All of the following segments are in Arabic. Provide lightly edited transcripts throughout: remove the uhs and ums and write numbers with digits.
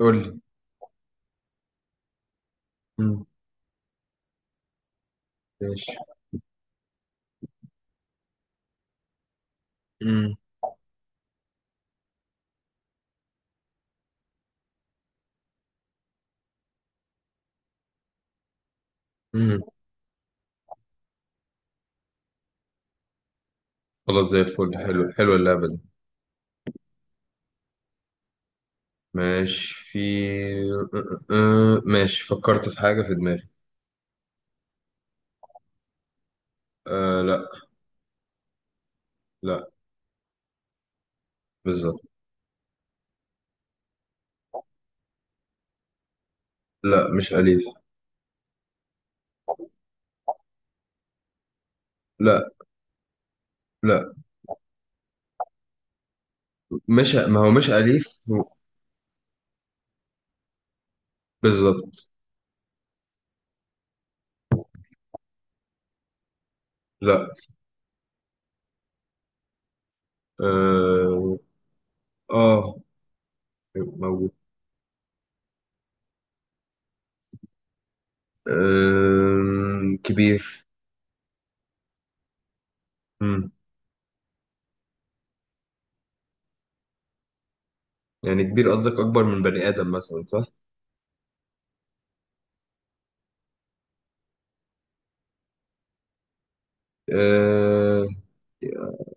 قول لي. مم. ماشي. مم. مم. خلاص، زي الفل. حلو حلو اللعبة دي. ماشي أه، ماشي فكرت في حاجة في دماغي. أه لا. لا. بالظبط. لا مش أليف. لا. لا، مش، ما هو مش أليف. بالظبط. لا. اه. آه، موجود. أه كبير. مم. يعني كبير، قصدك أكبر من بني آدم مثلا، صح؟ اه.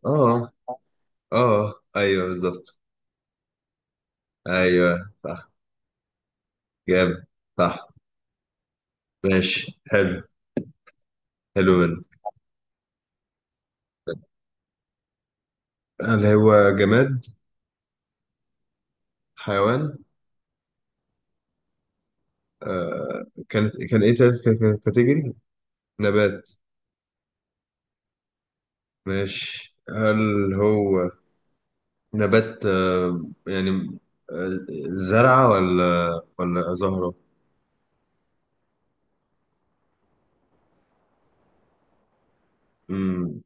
اه. ايوه بالظبط. ايوه صح. جامد. صح. ماشي حلو. حلو منك. هل هو جماد؟ حيوان؟ آه. كان ايه تالت كاتيجوري؟ نبات. ماشي، هل هو نبات؟ يعني، آه زرعة، ولا زهرة؟ مم.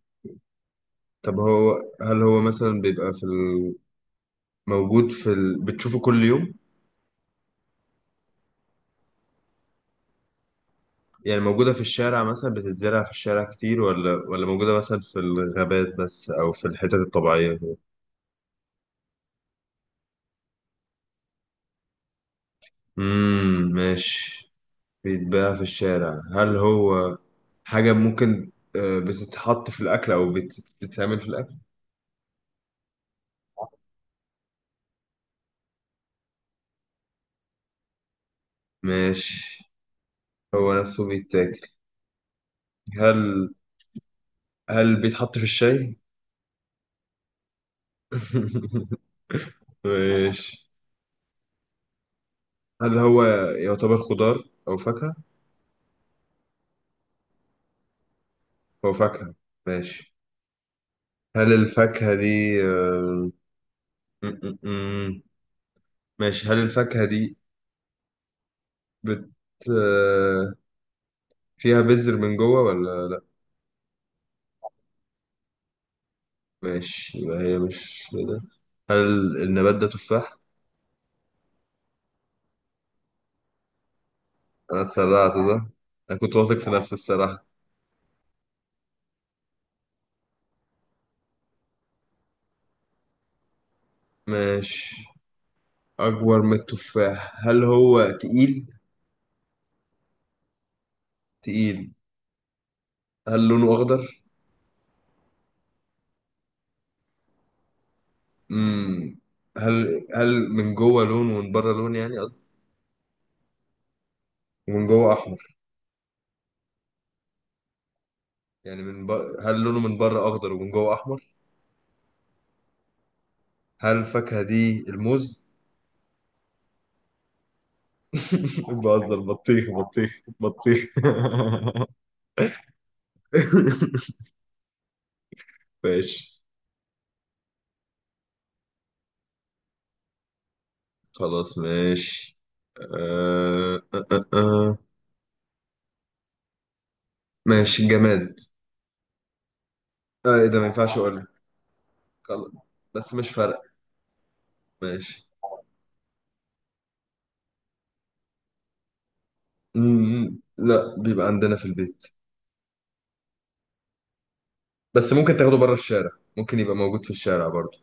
طب هو، هل هو مثلا بيبقى موجود بتشوفه كل يوم؟ يعني موجودة في الشارع مثلا، بتتزرع في الشارع كتير، ولا موجودة مثلا في الغابات بس، أو في الحتت الطبيعية؟ ماشي. بيتباع في الشارع. هل هو حاجة ممكن بتتحط في الأكل، أو بتتعمل في الأكل؟ ماشي. هو نفسه بيتاكل. هل هل بيتحط في الشاي؟ ماشي. هل هو يعتبر خضار أو فاكهة؟ هو فاكهة. ماشي. هل الفاكهة دي م- م- م. ماشي، هل الفاكهة دي بت آه، فيها بذر من جوه ولا؟ ماشي، يبقى هي مش ده. هل النبات ده تفاح؟ أنا اتسرعت ده. أنا كنت واثق في نفسي الصراحة. ماشي. أكبر من التفاح. هل هو تقيل؟ تقيل. هل لونه أخضر؟ مم. هل من جوه لون ومن بره لون، يعني قصدي، ومن جوه أحمر؟ يعني هل لونه من بره أخضر ومن جوه أحمر؟ هل الفاكهة دي الموز؟ بهزر، بطيخ بطيخ بطيخ. ماشي. خلاص ماشي. آه آه آه. آه. ماشي، جماد. آه، ايه ده، ما ينفعش اقولها. خلاص. بس مش فارقة. ماشي. مم. لا، بيبقى عندنا في البيت. بس ممكن تاخده بره الشارع. ممكن يبقى موجود في الشارع برضو.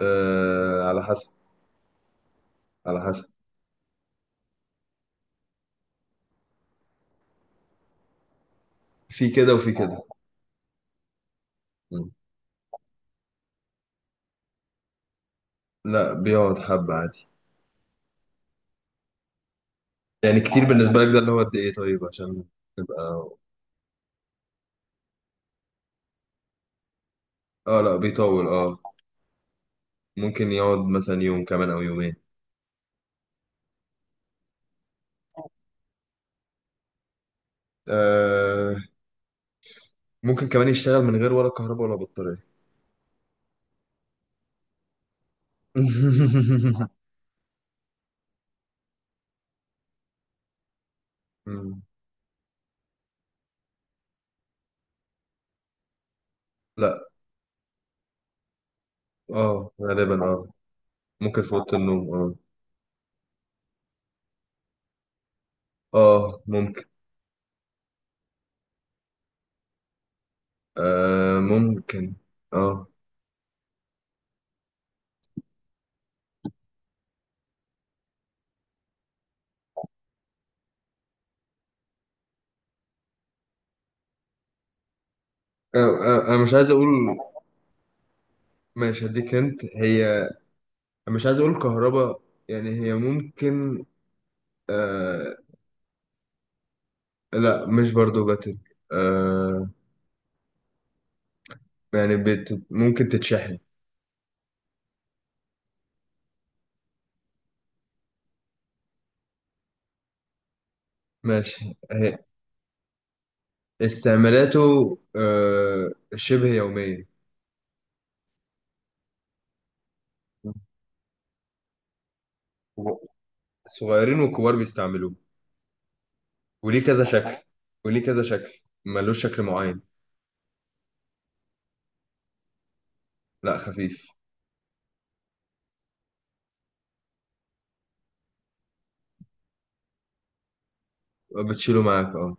آه على حسب. على حسب. في كده وفي كده. مم. لا، بيقعد حبة عادي. يعني كتير بالنسبة لك، ده اللي هو قد ايه، طيب عشان تبقى. اه لا، بيطول اه. ممكن يقعد مثلا يوم كمان، او يومين. آه. ممكن كمان يشتغل من غير ولا كهرباء ولا بطارية. مم. لا اه غالبا اه. ممكن في اوضه النوم اه. اه ممكن. آه ممكن. اه. أنا مش عايز اقول. ماشي، هديك انت هي. مش عايز اقول كهرباء. يعني هي ممكن. آه. لا مش، برضو باتل. آه، يعني ممكن تتشحن. ماشي هي. استعمالاته شبه يومية. صغيرين وكبار بيستعملوه. وليه كذا شكل. وليه كذا شكل، ملوش شكل معين. لا، خفيف. بتشيله معاك اه.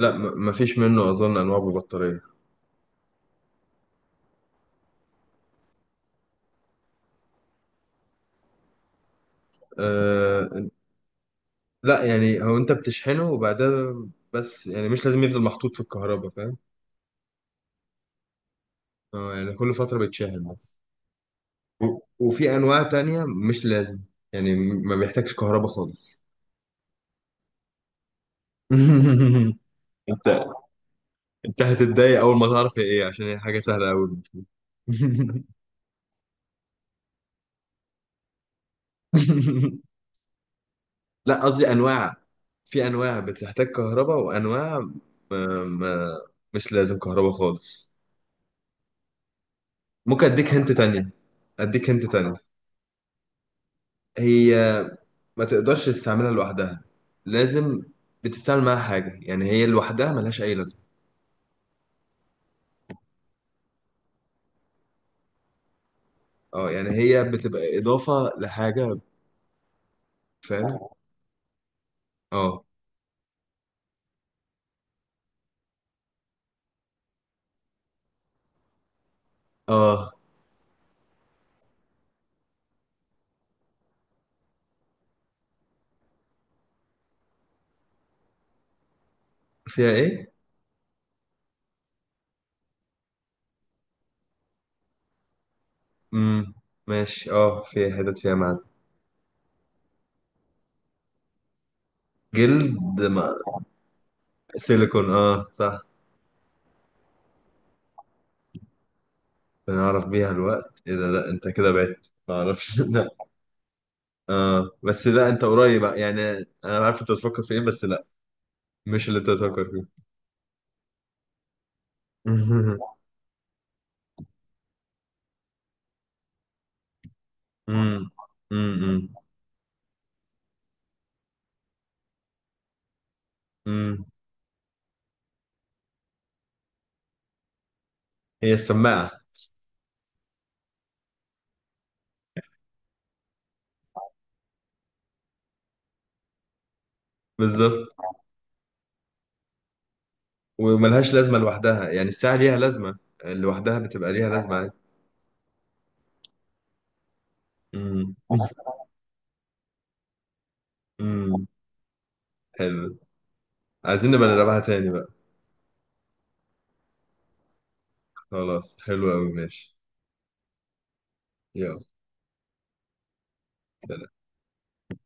لا مفيش منه اظن انواع ببطارية. أه. لا، يعني هو انت بتشحنه، وبعدها، بس يعني مش لازم يفضل محطوط في الكهرباء، فاهم. اه يعني كل فترة بيتشحن بس. وفي انواع تانية مش لازم. يعني ما بيحتاجش كهرباء خالص. انت انت هتتضايق اول ما تعرف هي ايه، عشان هي حاجة سهلة قوي. لا، قصدي انواع. في انواع بتحتاج كهرباء، وانواع ما مش لازم كهرباء خالص. ممكن اديك هنت تانية. اديك هنت تانية. هي، ما تقدرش تستعملها لوحدها. لازم بتستعمل معاها حاجة، يعني هي لوحدها ملهاش اي لازمة. اه، يعني هي بتبقى اضافة لحاجة. فاهم. اه. اه، فيها ايه. امم ماشي، اه فيها حتت فيها معدن. جلد ما... سيليكون، اه صح. بنعرف بيها الوقت، ايه ده، لا انت كده بعت، ما اعرفش. لا اه، بس لا انت قريب يعني. انا عارف انت بتفكر في ايه، بس لا، مش اللي انت بتفكر فيه. امم امم امم هي السماعة. بالظبط. وملهاش لازمة لوحدها، يعني الساعة ليها لازمة لوحدها، بتبقى ليها لازمة عادي. امم امم حلو. عايزين نبقى نلعبها تاني بقى. خلاص حلو قوي ماشي. يلا. سلام.